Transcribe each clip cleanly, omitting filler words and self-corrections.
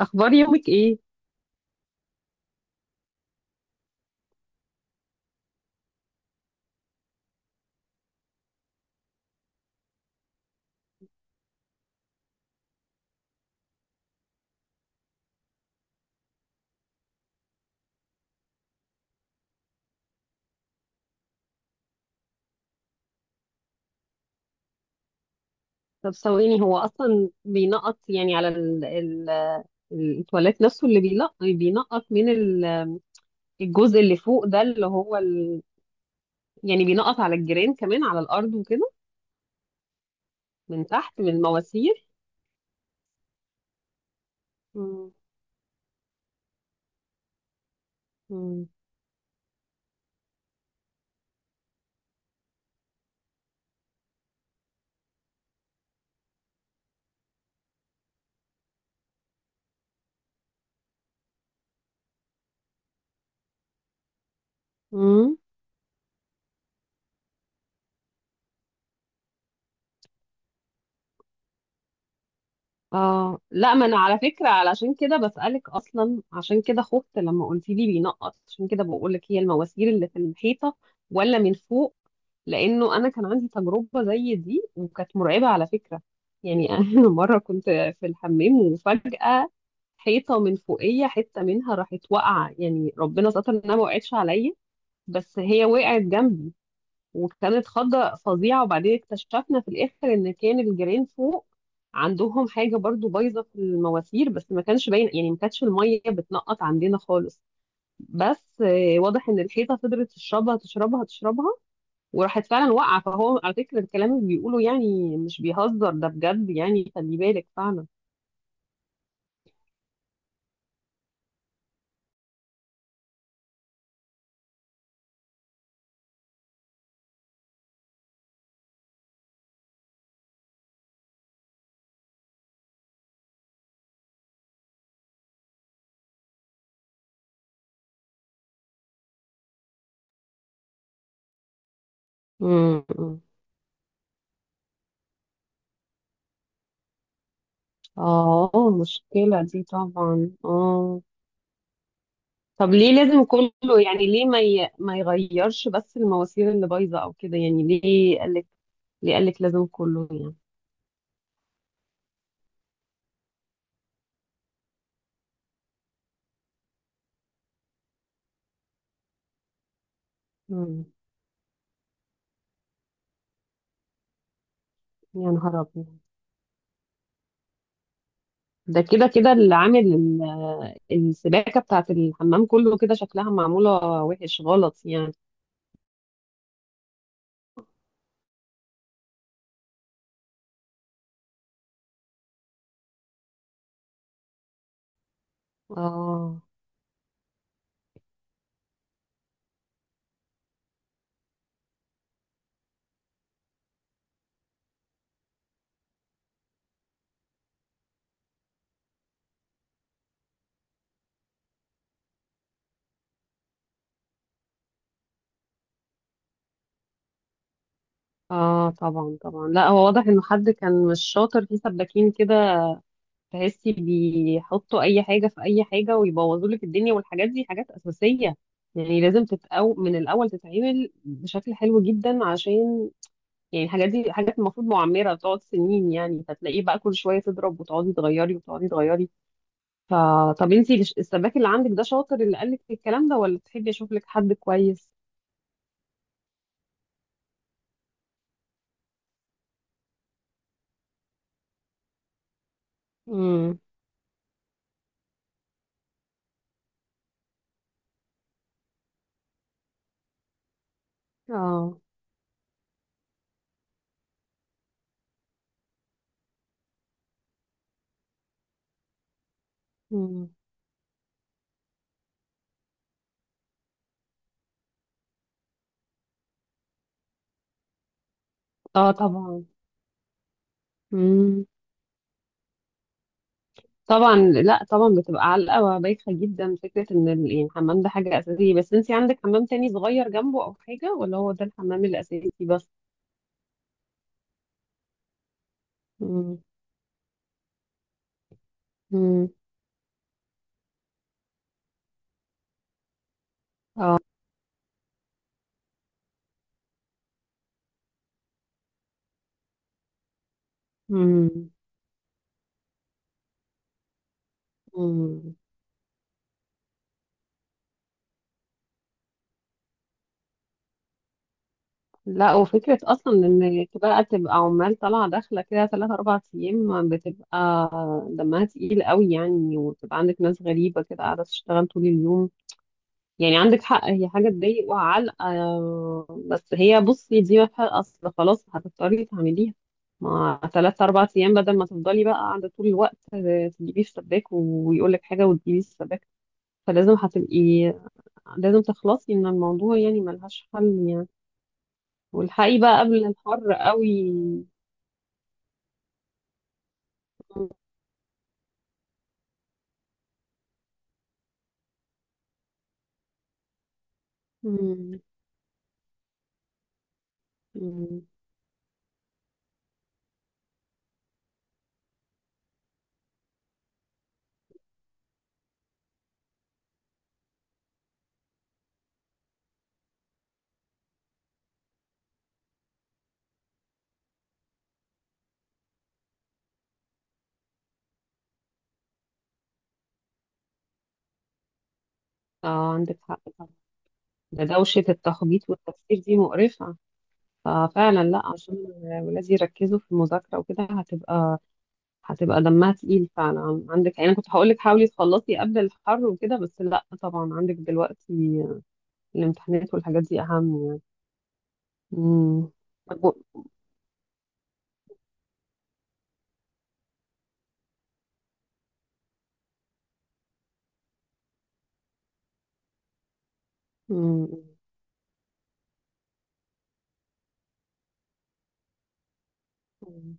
اخبار يومك ايه؟ طب ثواني، هو اصلا بينقط يعني على التواليت نفسه؟ اللي بينقط من الجزء اللي فوق ده اللي هو يعني بينقط على الجيران كمان على الارض وكده، من تحت من المواسير. مم. مم. اه لا، ما انا على فكره علشان كده بسالك اصلا، عشان كده خفت لما قلت لي بينقط، عشان كده بقول لك هي المواسير اللي في الحيطه ولا من فوق؟ لانه انا كان عندي تجربه زي دي وكانت مرعبه على فكره. يعني انا مره كنت في الحمام وفجاه حيطه من فوقيه حته منها راحت واقعه، يعني ربنا ستر انها ما وقعتش عليا. بس هي وقعت جنبي وكانت خضة فظيعة، وبعدين اكتشفنا في الآخر إن كان الجيران فوق عندهم حاجة برضو بايظة في المواسير، بس ما كانش باين يعني ما كانتش المية بتنقط عندنا خالص. بس واضح إن الحيطة فضلت تشربها تشربها تشربها وراحت فعلا واقعة. فهو على فكرة الكلام اللي بيقوله يعني مش بيهزر، ده بجد، يعني خلي بالك فعلا. امم اه، مشكلة دي طبعا، اه. طب ليه لازم كله؟ يعني ليه ما يغيرش بس المواسير اللي بايظه او كده؟ يعني ليه قالك؟ ليه قالك لازم كله يعني؟ مم. يا نهار ابيض! ده كده كده اللي عامل السباكه بتاعت الحمام كله كده شكلها معموله وحش غلط يعني. اه. اه طبعا طبعا، لا هو واضح انه حد كان مش شاطر في سباكين كده، تحسي بيحطوا اي حاجه في اي حاجه ويبوظوا لك الدنيا. والحاجات دي حاجات اساسيه، يعني لازم من الاول تتعمل بشكل حلو جدا، عشان يعني الحاجات دي حاجات المفروض معمره بتقعد سنين، يعني فتلاقيه بقى كل شويه تضرب وتقعدي تغيري وتقعدي تغيري. فطب انتي السباك اللي عندك ده شاطر، اللي قالك الكلام ده؟ ولا تحبي اشوف لك حد كويس؟ امم اه. مم. اه طبعا، طبعا لا طبعا بتبقى علقة وبايخة جدا فكرة ان يعني الحمام ده حاجة أساسية. بس انت عندك حمام تاني صغير جنبه أو حاجة، ولا هو ده الحمام الأساسي بس؟ مم. مم. اه. مم. مم. لا، وفكرة أصلا إن بقى تبقى عمال طالعة داخلة كده 3 4 أيام، بتبقى دمها تقيل قوي يعني. وبتبقى عندك ناس غريبة كده قاعدة تشتغل طول اليوم، يعني عندك حق، هي حاجة تضايق وعلقة. بس هي بصي دي ما فيها أصل، خلاص هتضطري تعمليها. ما 3 4 أيام بدل ما تفضلي بقى قاعدة طول الوقت تجيبيه في سباك ويقولك حاجة وتجيبيه في سباك، فلازم هتبقي، لازم تخلصي من الموضوع يعني ملهاش حل يعني. والحقي بقى قبل الحر قوي. مم. مم. اه عندك حق طبعا، ده دوشة التخبيط والتفكير دي مقرفة. ففعلا، لا عشان ولادي يركزوا في المذاكرة وكده، هتبقى هتبقى دمها تقيل فعلا عندك. يعني انا كنت هقول لك حاولي تخلصي قبل الحر وكده، بس لا طبعا عندك دلوقتي الامتحانات والحاجات دي اهم يعني. امم مجموع- امم امم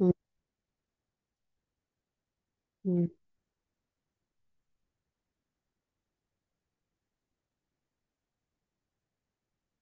امم امم.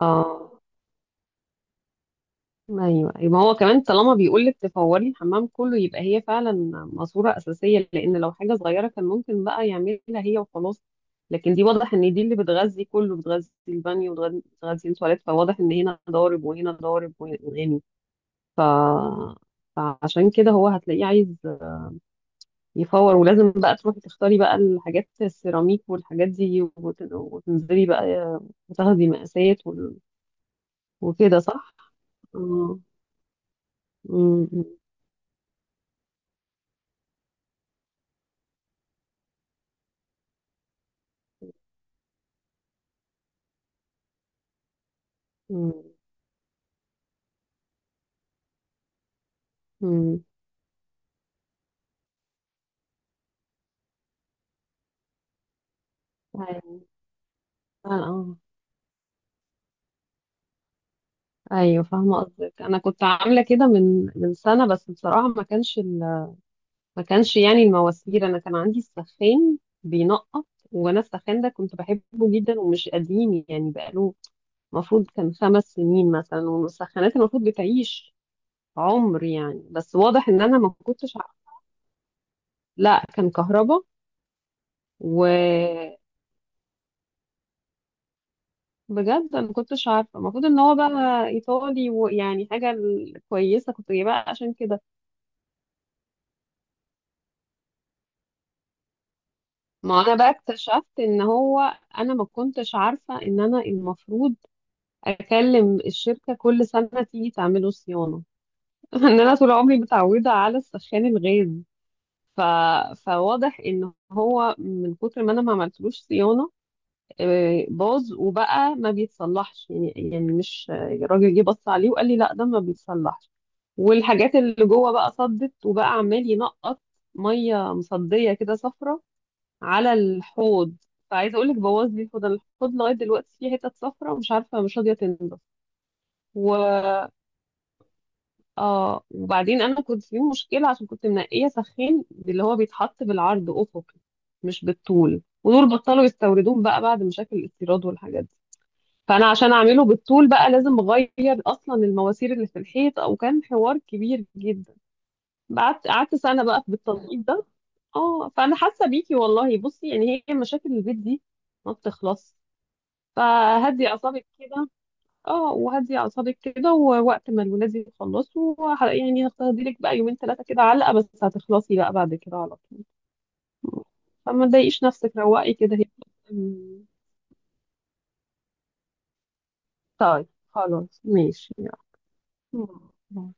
اه ايوه ايوه، ما هو كمان طالما بيقول لك تفوري الحمام كله، يبقى هي فعلا ماسوره اساسيه، لان لو حاجه صغيره كان ممكن بقى يعملها هي وخلاص. لكن دي واضح ان دي اللي بتغذي كله، بتغذي البانيو وبتغذي التواليت، فواضح ان هنا ضارب وهنا ضارب وهنا يعني. ف... فعشان كده هو هتلاقيه عايز يفور، ولازم بقى تروحي تختاري بقى الحاجات، السيراميك والحاجات دي وتنزلي بقى وتاخدي مقاسات وكده صح؟ اه أمم، أمم، أمم. ايوه. اه آه. ايوه فاهمه قصدك. انا كنت عامله كده من سنه، بس بصراحه ما كانش ما كانش يعني المواسير، انا كان عندي السخان بينقط. وانا السخان ده كنت بحبه جدا ومش قديم يعني بقاله المفروض كان 5 سنين مثلا، والمسخنات المفروض بتعيش عمر يعني، بس واضح ان انا ما كنتش عارفه. لا كان كهرباء. وبجد انا ما كنتش عارفه المفروض ان هو بقى ايطالي ويعني حاجه كويسه كنت جايبها عشان كده. ما انا بقى اكتشفت ان هو، انا ما كنتش عارفه ان انا المفروض اكلم الشركه كل سنه تيجي تعمله صيانه. ان انا طول عمري متعوده على السخان الغاز. ف... فواضح ان هو من كتر ما انا ما عملتلوش صيانه باظ وبقى ما بيتصلحش يعني، يعني مش الراجل جه بص عليه وقال لي لا ده ما بيتصلحش، والحاجات اللي جوه بقى صدت وبقى عمال ينقط ميه مصديه كده صفرة على الحوض. فعايزه اقول لك بوظ لي الحوض. أنا الحوض لغايه دلوقتي فيه حتت صفرة ومش عارفه مش راضيه تنضف. و... اه وبعدين انا كنت في مشكله عشان كنت منقيه سخين اللي هو بيتحط بالعرض افقي مش بالطول، ودول بطلوا يستوردوه بقى بعد مشاكل الاستيراد والحاجات دي. فانا عشان اعمله بالطول بقى لازم اغير اصلا المواسير اللي في الحيط، او كان حوار كبير جدا. قعدت سنه بقى في التنقيط ده. اه فانا حاسه بيكي والله. بصي يعني هي مشاكل البيت دي ما بتخلص. فهدي اعصابك كده. اه وهدي اعصابك كده، ووقت ما الولاد يخلصوا يعني هتاخدي لك بقى 2 3 كده علقه، بس هتخلصي بقى بعد كده على طول. فما تضايقيش نفسك، روقي كده هي. أمم، طيب، خلاص ماشي. يلا.